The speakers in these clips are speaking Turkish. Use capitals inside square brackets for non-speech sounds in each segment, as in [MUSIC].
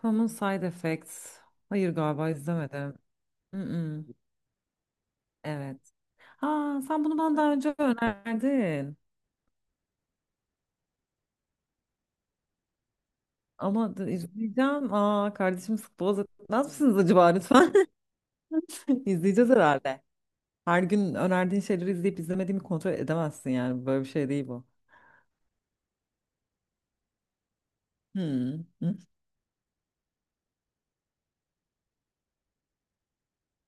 Common Side Effects. Hayır galiba izlemedim. Mm-mm. Evet. Ha, sen bunu bana daha önce önerdin. Ama da izleyeceğim. Aa, kardeşim sık boğaz etmez misiniz acaba lütfen? [LAUGHS] İzleyeceğiz herhalde. Her gün önerdiğin şeyleri izleyip izlemediğimi kontrol edemezsin yani. Böyle bir şey değil bu. Hmm. Hı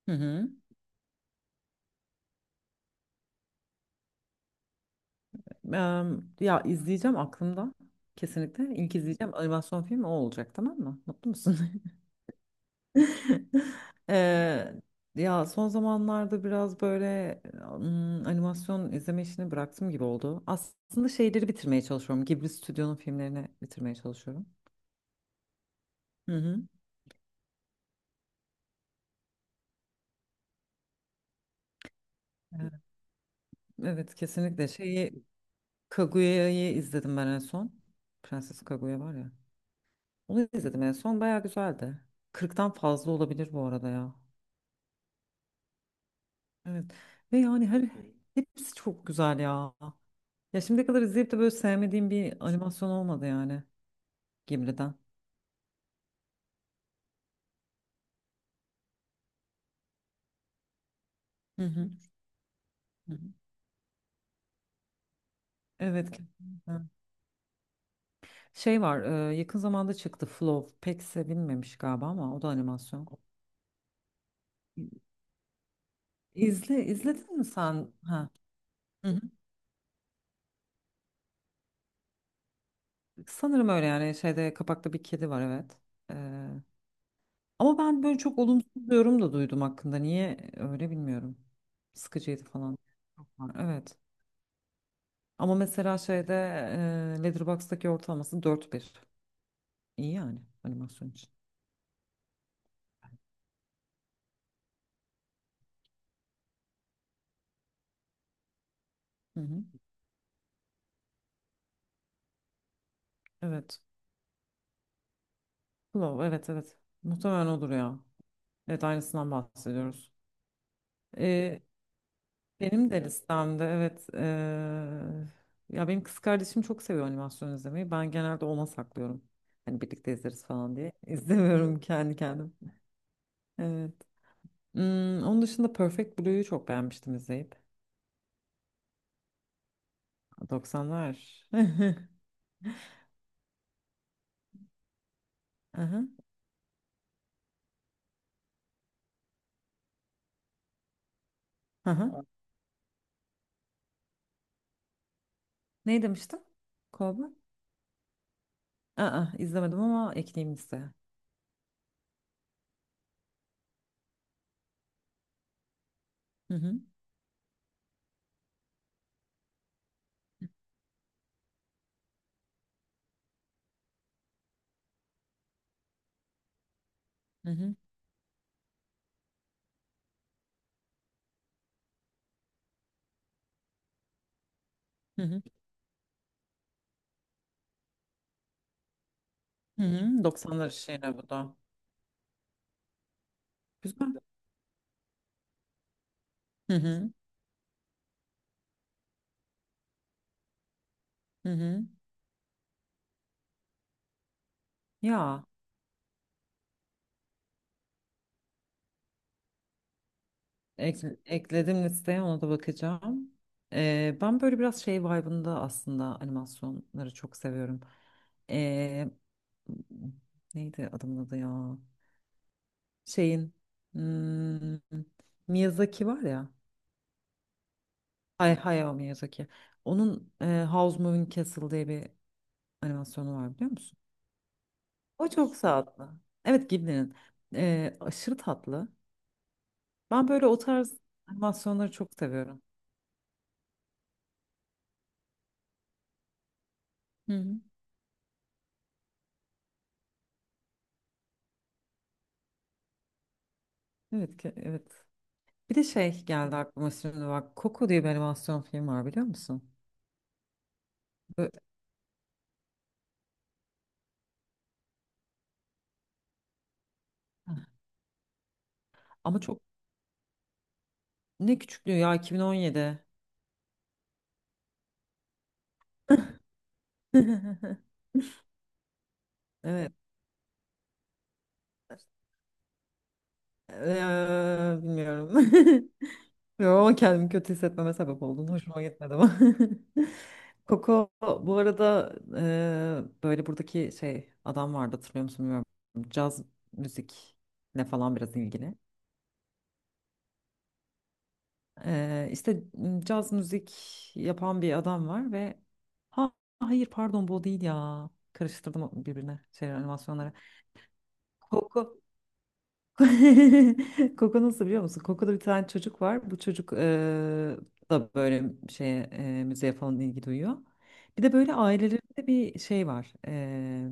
hı. Hı. Ya izleyeceğim aklımda. Kesinlikle. İlk izleyeceğim animasyon filmi o olacak, tamam mı? Mutlu musun? [LAUGHS] [LAUGHS] Eee, ya son zamanlarda biraz böyle animasyon izleme işini bıraktım gibi oldu. Aslında şeyleri bitirmeye çalışıyorum. Ghibli Stüdyo'nun filmlerini bitirmeye çalışıyorum. Hı hı. Evet, evet, kesinlikle. Kaguya'yı izledim ben en son. Prenses Kaguya var ya. Onu izledim en son. Bayağı güzeldi. 40'tan fazla olabilir bu arada ya. Evet. Ve yani her hepsi çok güzel ya. Ya şimdiye kadar izleyip de böyle sevmediğim bir animasyon olmadı yani, Ghibli'den. Hı hı. Hı hı. Evet. Kesinlikle. Şey var, yakın zamanda çıktı Flow. Pek sevilmemiş galiba ama o da animasyon. İzledin mi sen? Ha. Hı hı. Sanırım öyle yani şeyde kapakta bir kedi var, evet. E, ama ben böyle çok olumsuz bir yorum da duydum hakkında. Niye öyle bilmiyorum. Sıkıcıydı falan. Çok var, evet. Ama mesela şeyde Letterboxd'daki ortalaması 4,1. İyi yani animasyon için. Hı hı. Evet. Flow, evet, evet. Muhtemelen odur ya. Evet, aynısından bahsediyoruz. Ee, benim de listemde, evet, ya benim kız kardeşim çok seviyor animasyon izlemeyi. Ben genelde ona saklıyorum. Hani birlikte izleriz falan diye. [LAUGHS] İzlemiyorum kendi kendim. Evet. Onun dışında Perfect Blue'yu çok beğenmiştim izleyip. 90'lar. [LAUGHS] Aha, aha. Ne demiştin? Cowboy? Aa, izlemedim ama ekleyeyim listeye. Hı hı, hı hı, hı hı. Hı hı. 90'lar şeyine bu da. Güzel. Hı hı, hı hı. Ya. Ekledim listeye, ona da bakacağım. Ben böyle biraz şey vibe'ında aslında animasyonları çok seviyorum. Ee, neydi adamın adı ya? Şeyin hmm, Miyazaki var ya. Hayao Miyazaki. Onun House Moving Castle diye bir animasyonu var, biliyor musun? O çok tatlı. Evet, Ghibli'nin. Aşırı tatlı. Ben böyle o tarz animasyonları çok seviyorum. Hı hı. Evet, evet. Bir de şey geldi aklıma şimdi bak. Coco diye bir animasyon film var, biliyor musun? Böyle- ama çok ne küçüklüğü ya, 2017. [LAUGHS] Evet. Bilmiyorum. [LAUGHS] Bilmiyorum ama kendimi kötü hissetmeme sebep oldun. Hoşuma gitmedi ama. [LAUGHS] Koko bu arada böyle buradaki şey adam vardı, hatırlıyor musun bilmiyorum. Caz müzikle falan biraz ilgili. İşte caz müzik yapan bir adam var ve ha, hayır, pardon, bu o değil ya. Karıştırdım birbirine şey animasyonları. Koku. [LAUGHS] Koku, nasıl biliyor musun? Koku'da bir tane çocuk var. Bu çocuk da böyle şeye müziğe falan ilgi duyuyor. Bir de böyle ailelerinde bir şey var.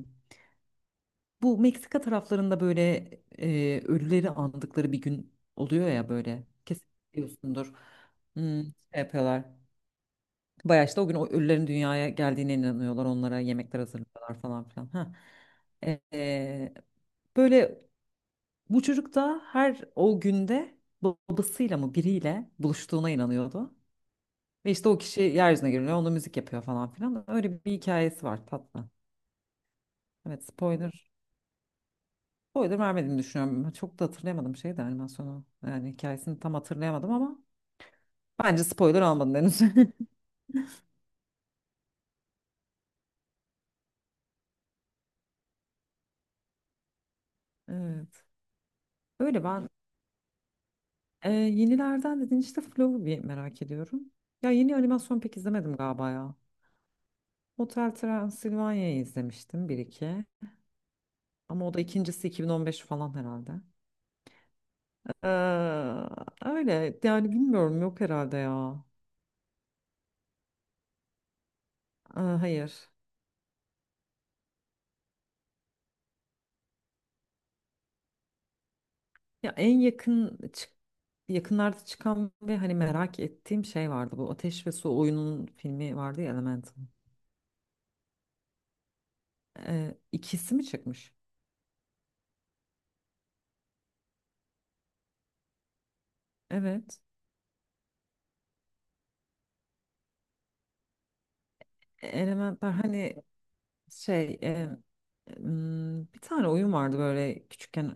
Bu Meksika taraflarında böyle ölüleri andıkları bir gün oluyor ya böyle. Kesin biliyorsundur. Hmm, şey yapıyorlar. Bayağı işte o gün o ölülerin dünyaya geldiğine inanıyorlar. Onlara yemekler hazırlıyorlar falan filan. Ha. Ee, böyle bu çocuk da her o günde babasıyla mı biriyle buluştuğuna inanıyordu. Ve işte o kişi yeryüzüne geliyor, ona müzik yapıyor falan filan. Öyle bir hikayesi var, tatlı. Evet, spoiler. Spoiler vermediğimi düşünüyorum. Çok da hatırlayamadım şeyi de, animasyonu. Yani hikayesini tam hatırlayamadım ama bence spoiler almadın henüz. [LAUGHS] Evet. Öyle ben yenilerden dedin, işte Flow'u bir merak ediyorum. Ya yeni animasyon pek izlemedim galiba ya. Hotel Transilvanya'yı izlemiştim bir iki. Ama o da ikincisi 2015 falan herhalde. Ee, öyle yani bilmiyorum, yok herhalde ya. Hayır. Ya yakınlarda çıkan ve hani merak ettiğim şey vardı. Bu Ateş ve Su oyunun filmi vardı ya, Elemental. İkisi mi çıkmış? Evet. Elementler hani Şey, bir tane oyun vardı böyle küçükken,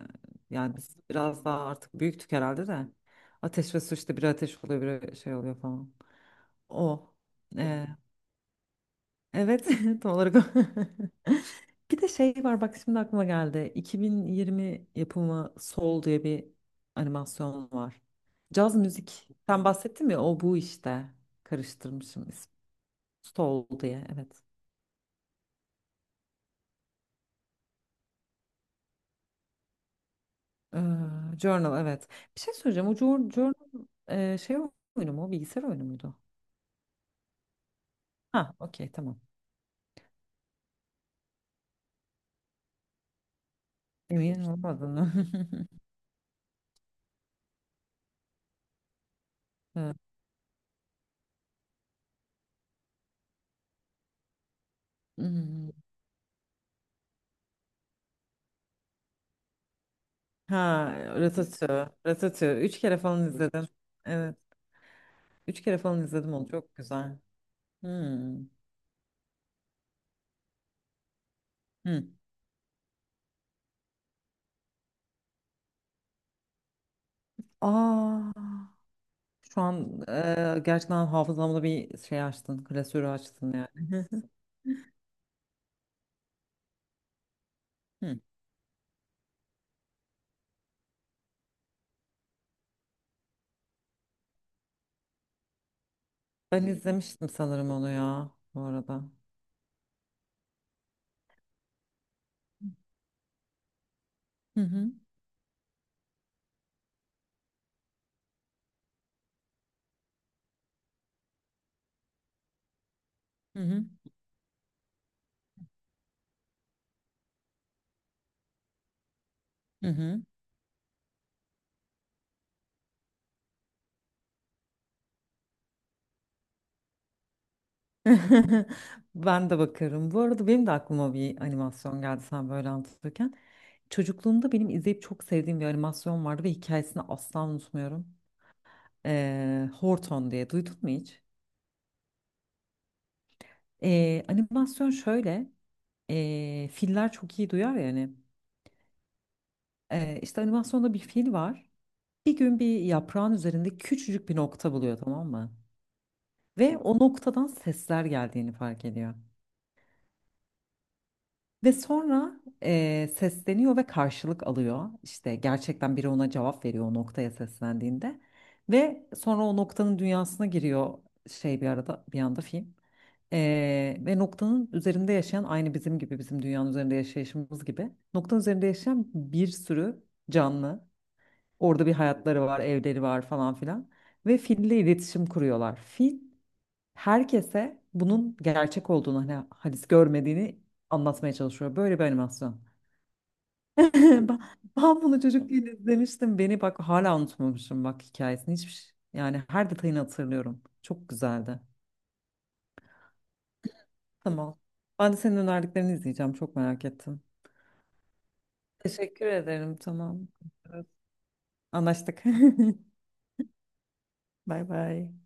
yani biz biraz daha artık büyüktük herhalde de. Ateş ve su, işte biri ateş oluyor biri şey oluyor falan. O. E, evet [LAUGHS] tam olarak o. [LAUGHS] Bir de şey var bak, şimdi aklıma geldi. 2020 yapımı Soul diye bir animasyon var. Caz müzik. Sen bahsettin ya, o bu işte. Karıştırmışım ismi. Soul diye, evet. Ee, journal, evet. Bir şey söyleyeceğim. O journal şey oyunu mu? Bilgisayar oyunu muydu? Ha, okey, tamam. Emin olmadın. [LAUGHS] Ha, hmm. Ha, Ratatouille. Ratatouille. Üç kere falan izledim. Evet. Üç kere falan izledim onu. Çok güzel. Hmm. Hmm. Aa, şu an gerçekten hafızamda bir şey açtın. Klasörü açtın yani. Hmm. Ben izlemiştim sanırım onu ya bu arada. Hı hı. Hı hı. Hı hı. [LAUGHS] Ben de bakarım. Bu arada benim de aklıma bir animasyon geldi sen böyle anlatırken. Çocukluğumda benim izleyip çok sevdiğim bir animasyon vardı ve hikayesini asla unutmuyorum. Horton diye duydun mu hiç? Animasyon şöyle. Filler çok iyi duyar yani. İşte animasyonda bir fil var. Bir gün bir yaprağın üzerinde küçücük bir nokta buluyor, tamam mı? Ve o noktadan sesler geldiğini fark ediyor. Ve sonra sesleniyor ve karşılık alıyor. İşte gerçekten biri ona cevap veriyor o noktaya seslendiğinde. Ve sonra o noktanın dünyasına giriyor şey, bir arada bir anda film. Ve noktanın üzerinde yaşayan, aynı bizim gibi, bizim dünyanın üzerinde yaşayışımız gibi. Noktanın üzerinde yaşayan bir sürü canlı. Orada bir hayatları var, evleri var falan filan. Ve fille iletişim kuruyorlar. Fil herkese bunun gerçek olduğunu, hani halis görmediğini anlatmaya çalışıyor. Böyle bir animasyon. [LAUGHS] Ben ben bunu çocukken izlemiştim. Beni bak hala unutmamışım bak hikayesini. Yani her detayını hatırlıyorum. Çok güzeldi. Tamam. Ben de senin önerdiklerini izleyeceğim. Çok merak ettim. Teşekkür ederim. Tamam. Evet. Anlaştık. [LAUGHS] Bay bay.